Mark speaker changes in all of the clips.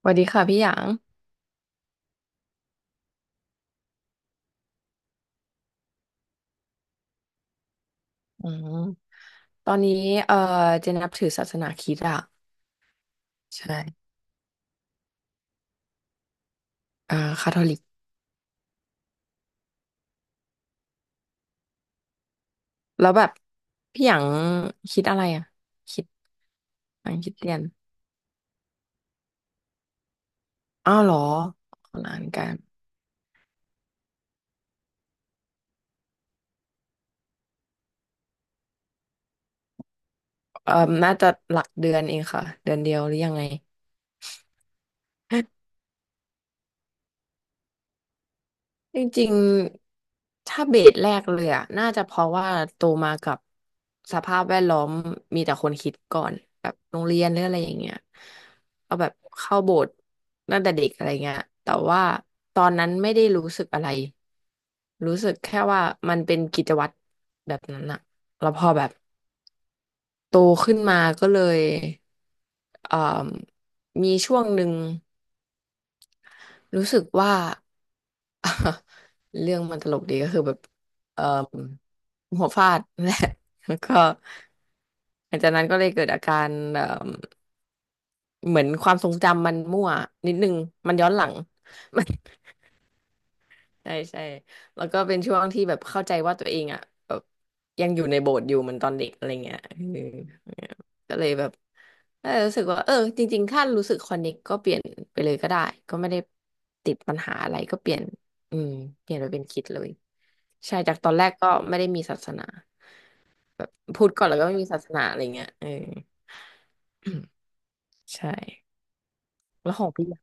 Speaker 1: สวัสดีค่ะพี่หยางอืมตอนนี้เอ่อเจนนับถือศาสนาคริสต์อะใช่เอ่อคาทอลิก แล้วแบบพี่หยางคิดอะไรอะคิดหยางคิดเดียนอ้าวเหรอคนละอันกันเอ่อน่าจะหลักเดือนเองค่ะ เดือนเดียวหรือยังไง จริงๆถ้าเบสแรกเลยอะน่าจะเพราะว่าโตมากับสภาพแวดล้อมมีแต่คนคิดก่อนแบบโรงเรียนหรืออะไรอย่างเงี้ยเอาแบบเข้าโบสถ์ตั้งแต่เด็กอะไรเงี้ย แต่ว่าตอนนั้นไม่ได้รู้สึกอะไร รู้สึกแค่ว่ามันเป็นกิจวัตรแบบนั้นอะแล้วพอแบบโตขึ้นมาก็เลยเอ่อมีช่วงหนึ่งรู้สึกว่า เรื่องมันตลกดีก็คือแบบเอ่อหัวฟาดนั่นแหละ แล้วก็หลังจากนั้นก็เลยเกิดอาการเอ่อเหมือนความทรงจำมันมั่วนิดนึงมันย้อนหลัง ใช่ใช่แล้วก็เป็นช่วงที่แบบเข้าใจว่าตัวเองอ่ะแบบยังอยู่ในโบสถ์อยู่เหมือนตอนเด็กอะไรเงี้ยเออก็เลยแบบเออรู้สึกว่าเออจริงๆถ้ารู้สึกคอนเนคกก็เปลี่ยนไปเลยก็ได้ก็ไม่ได้ติดปัญหาอะไรก็เปลี่ยนอืมเปลี่ยนไปเป็นคริดเลยใช่จากตอนแรกก็ไม่ได้มีศาสนาพูดก่อนแล้วก็ไม่มีศาสนาอะไรเงี้ยเออ ใช่แล้วของพี่อะ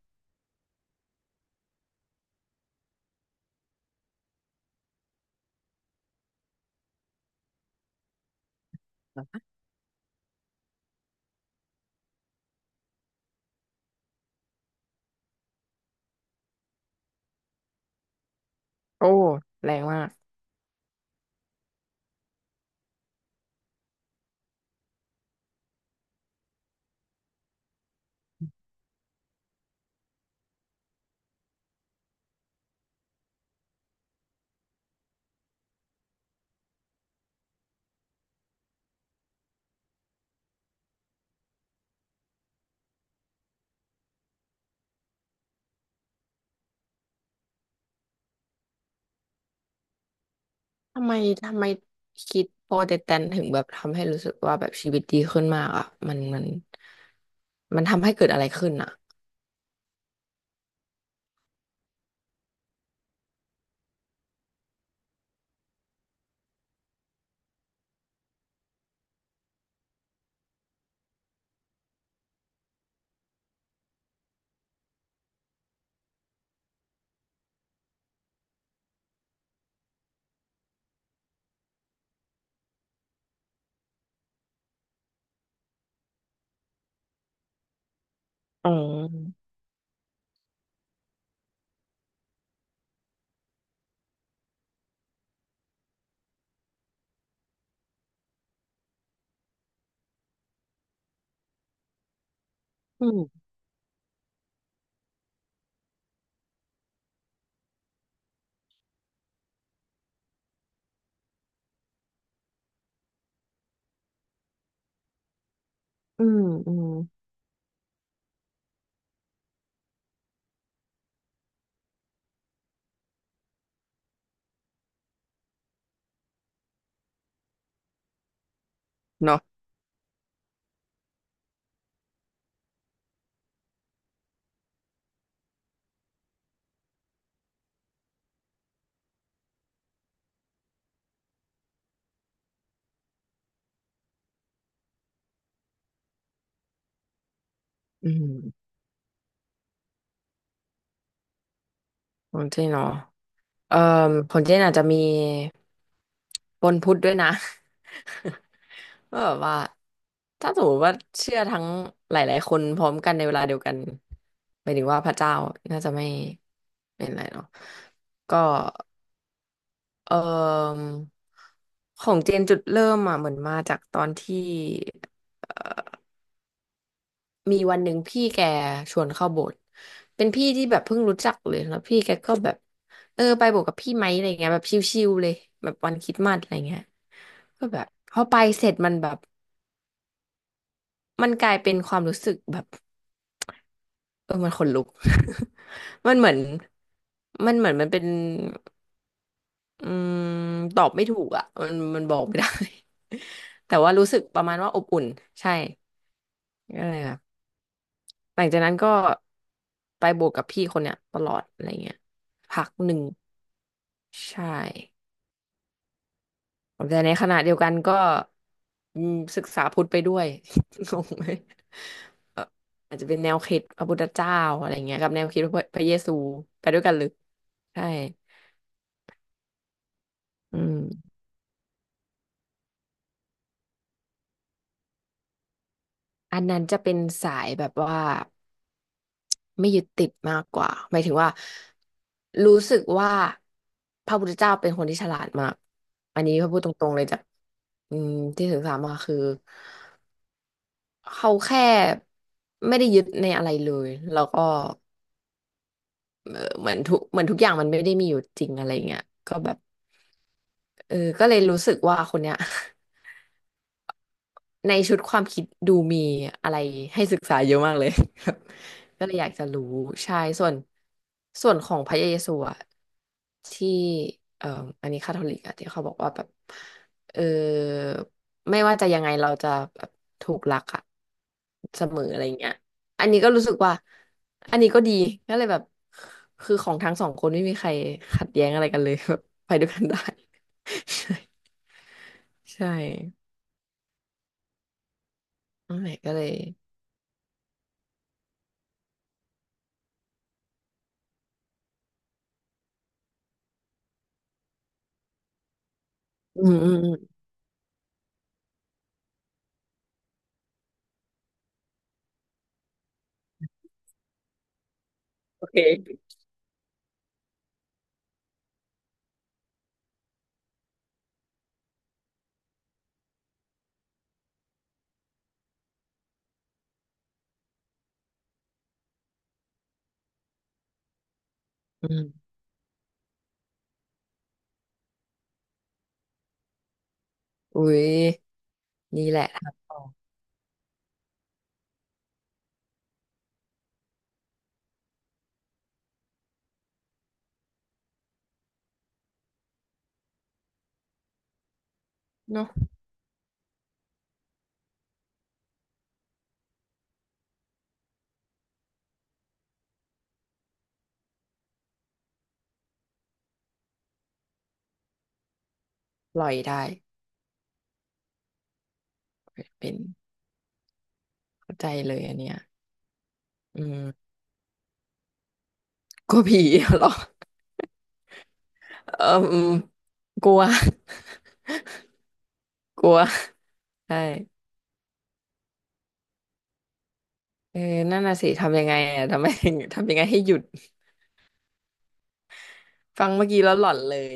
Speaker 1: โอ้แรงมาก ทำไมทำไมคิดโปรเตแตนถึงแบบทำให้รู้สึกว่าแบบชีวิตดีขึ้นมากอ่ะมันมันทำให้เกิดอะไรขึ้นอ่ะอ๋ออืมอืมอืมเนาะอืมของเจนเนาะเอ่อของเจนอาจจะมีปนพุทธด้วยนะ ก็แบบว่าถ้าสมมติว่าเชื่อทั้งหลายๆคนพร้อมกันในเวลาเดียวกันหมายถึงว่าพระเจ้าน่าจะไม่เป็นไรเนาะก็ เอ่อของเจนจุดเริ่มอ่ะเหมือนมาจากตอนที่เอ่อมีวันหนึ่งพี่แกชวนเข้าโบสถ์เป็นพี่ที่แบบเพิ่งรู้จักเลยแล้วพี่แกก็แบบเออไปโบสถ์กับพี่ไหมอะไรเงี้ยแบบชิลๆเลยแบบวันคริสต์มาสอะไรเงี้ยก็แบบพอไปเสร็จมันแบบมันกลายเป็นความรู้สึกแบบเออมันขนลุก มันเหมือนมันเหมือนมันเป็น อืมตอบไม่ถูกอ่ะมันบอกไม่ได้ แต่ว่ารู้สึกประมาณว่าอบอุ่นใช่ก็เลยแบบหลังจากนั้นก็ไปบวกกับพี่คนเนี้ยตลอดอะไรเงี้ยพักหนึ่งใช่แต่ในขณะเดียวกันก็อืมศึกษาพุทธไปด้วย งงไหมเอ่ออาจจะเป็นแนวคิดพระพุทธเจ้าอะไรเงี้ยกับแนวคิดพระเยซูไปด้วยกันเลยใช่อืมอันนั้นจะเป็นสายแบบว่า ไม่ยึดติดมากกว่าหมายถึงว่ารู้สึกว่าพระพุทธเจ้าเป็นคนที่ฉลาดมากอันนี้พระพูดตรงๆเลยจากอืมที่ศึกษามาคือเขาแค่ไม่ได้ยึดในอะไรเลยแล้วก็เหมือนทุกอย่างมันไม่ได้มีอยู่จริงอะไรเงี้ยก็แบบเออก็เลยรู้สึกว่าคนเนี้ย ในชุดความคิดดูมีอะไรให้ศึกษาเยอะมากเลย ครับก็เลยอยากจะรู้ใช่ส่วนของพระเยซูอะที่เอ่ออันนี้คาทอลิกอะที่เขาบอกว่าแบบเออไม่ว่าจะยังไงเราจะแบบถูกรักอะเสมออะไรเงี้ยอันนี้ก็รู้สึกว่าอันนี้ก็ดีก็เลยแบบคือของทั้งสองคนไม่มีใครขัดแย้งอะไรกันเลย แบบไปด้วยกันได้ ใช่ใช่นั่นแหละก็เลยอืม โอเคอืมอุ้ยนี่แหละทางออกเนาะปล่อยได้เป็นเข้าใจเลยอันเนี้ยอืมกลัวผีเหรอ เอออืมกลัวกลัวใช่เออนั่นน่ะสิทำยังไงอ่ะทำไมถึงทำยังไงให้หยุด ฟังเมื่อกี้แล้วหลอนเลย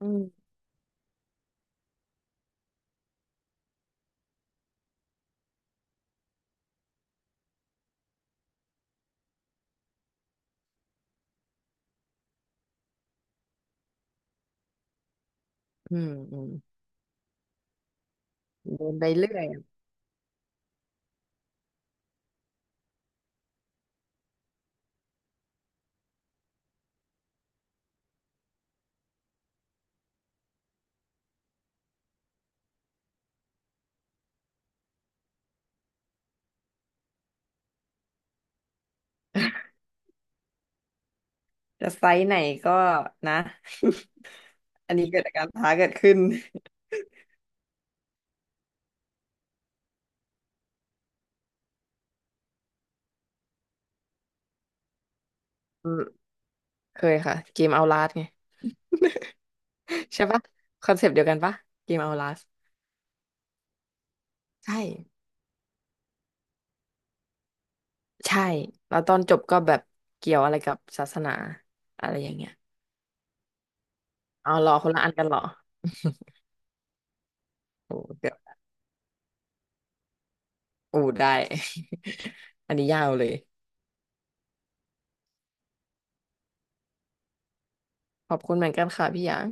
Speaker 1: อืมอืมอืมเดินไปเรื่อยอะจะไซส์ไหนก็นะ อันนี้เกิดอาการท้าเกิดขึ้นอืมเคยค่ะเกมเอาลาสไง ใช่ปะคอนเซปต์เดียวกันปะเกมเอาลาสใช่ ใช่แล้วตอนจบก็แบบเกี่ยวอะไรกับศาสนาอะไรอย่างเงี้ยเอาเหรอคนละอันกันเหรอ โอ้เดี๋ยวโอ้ได้ อันนี้ยาวเลยขอบคุณเหมือนกันค่ะพี่หยาง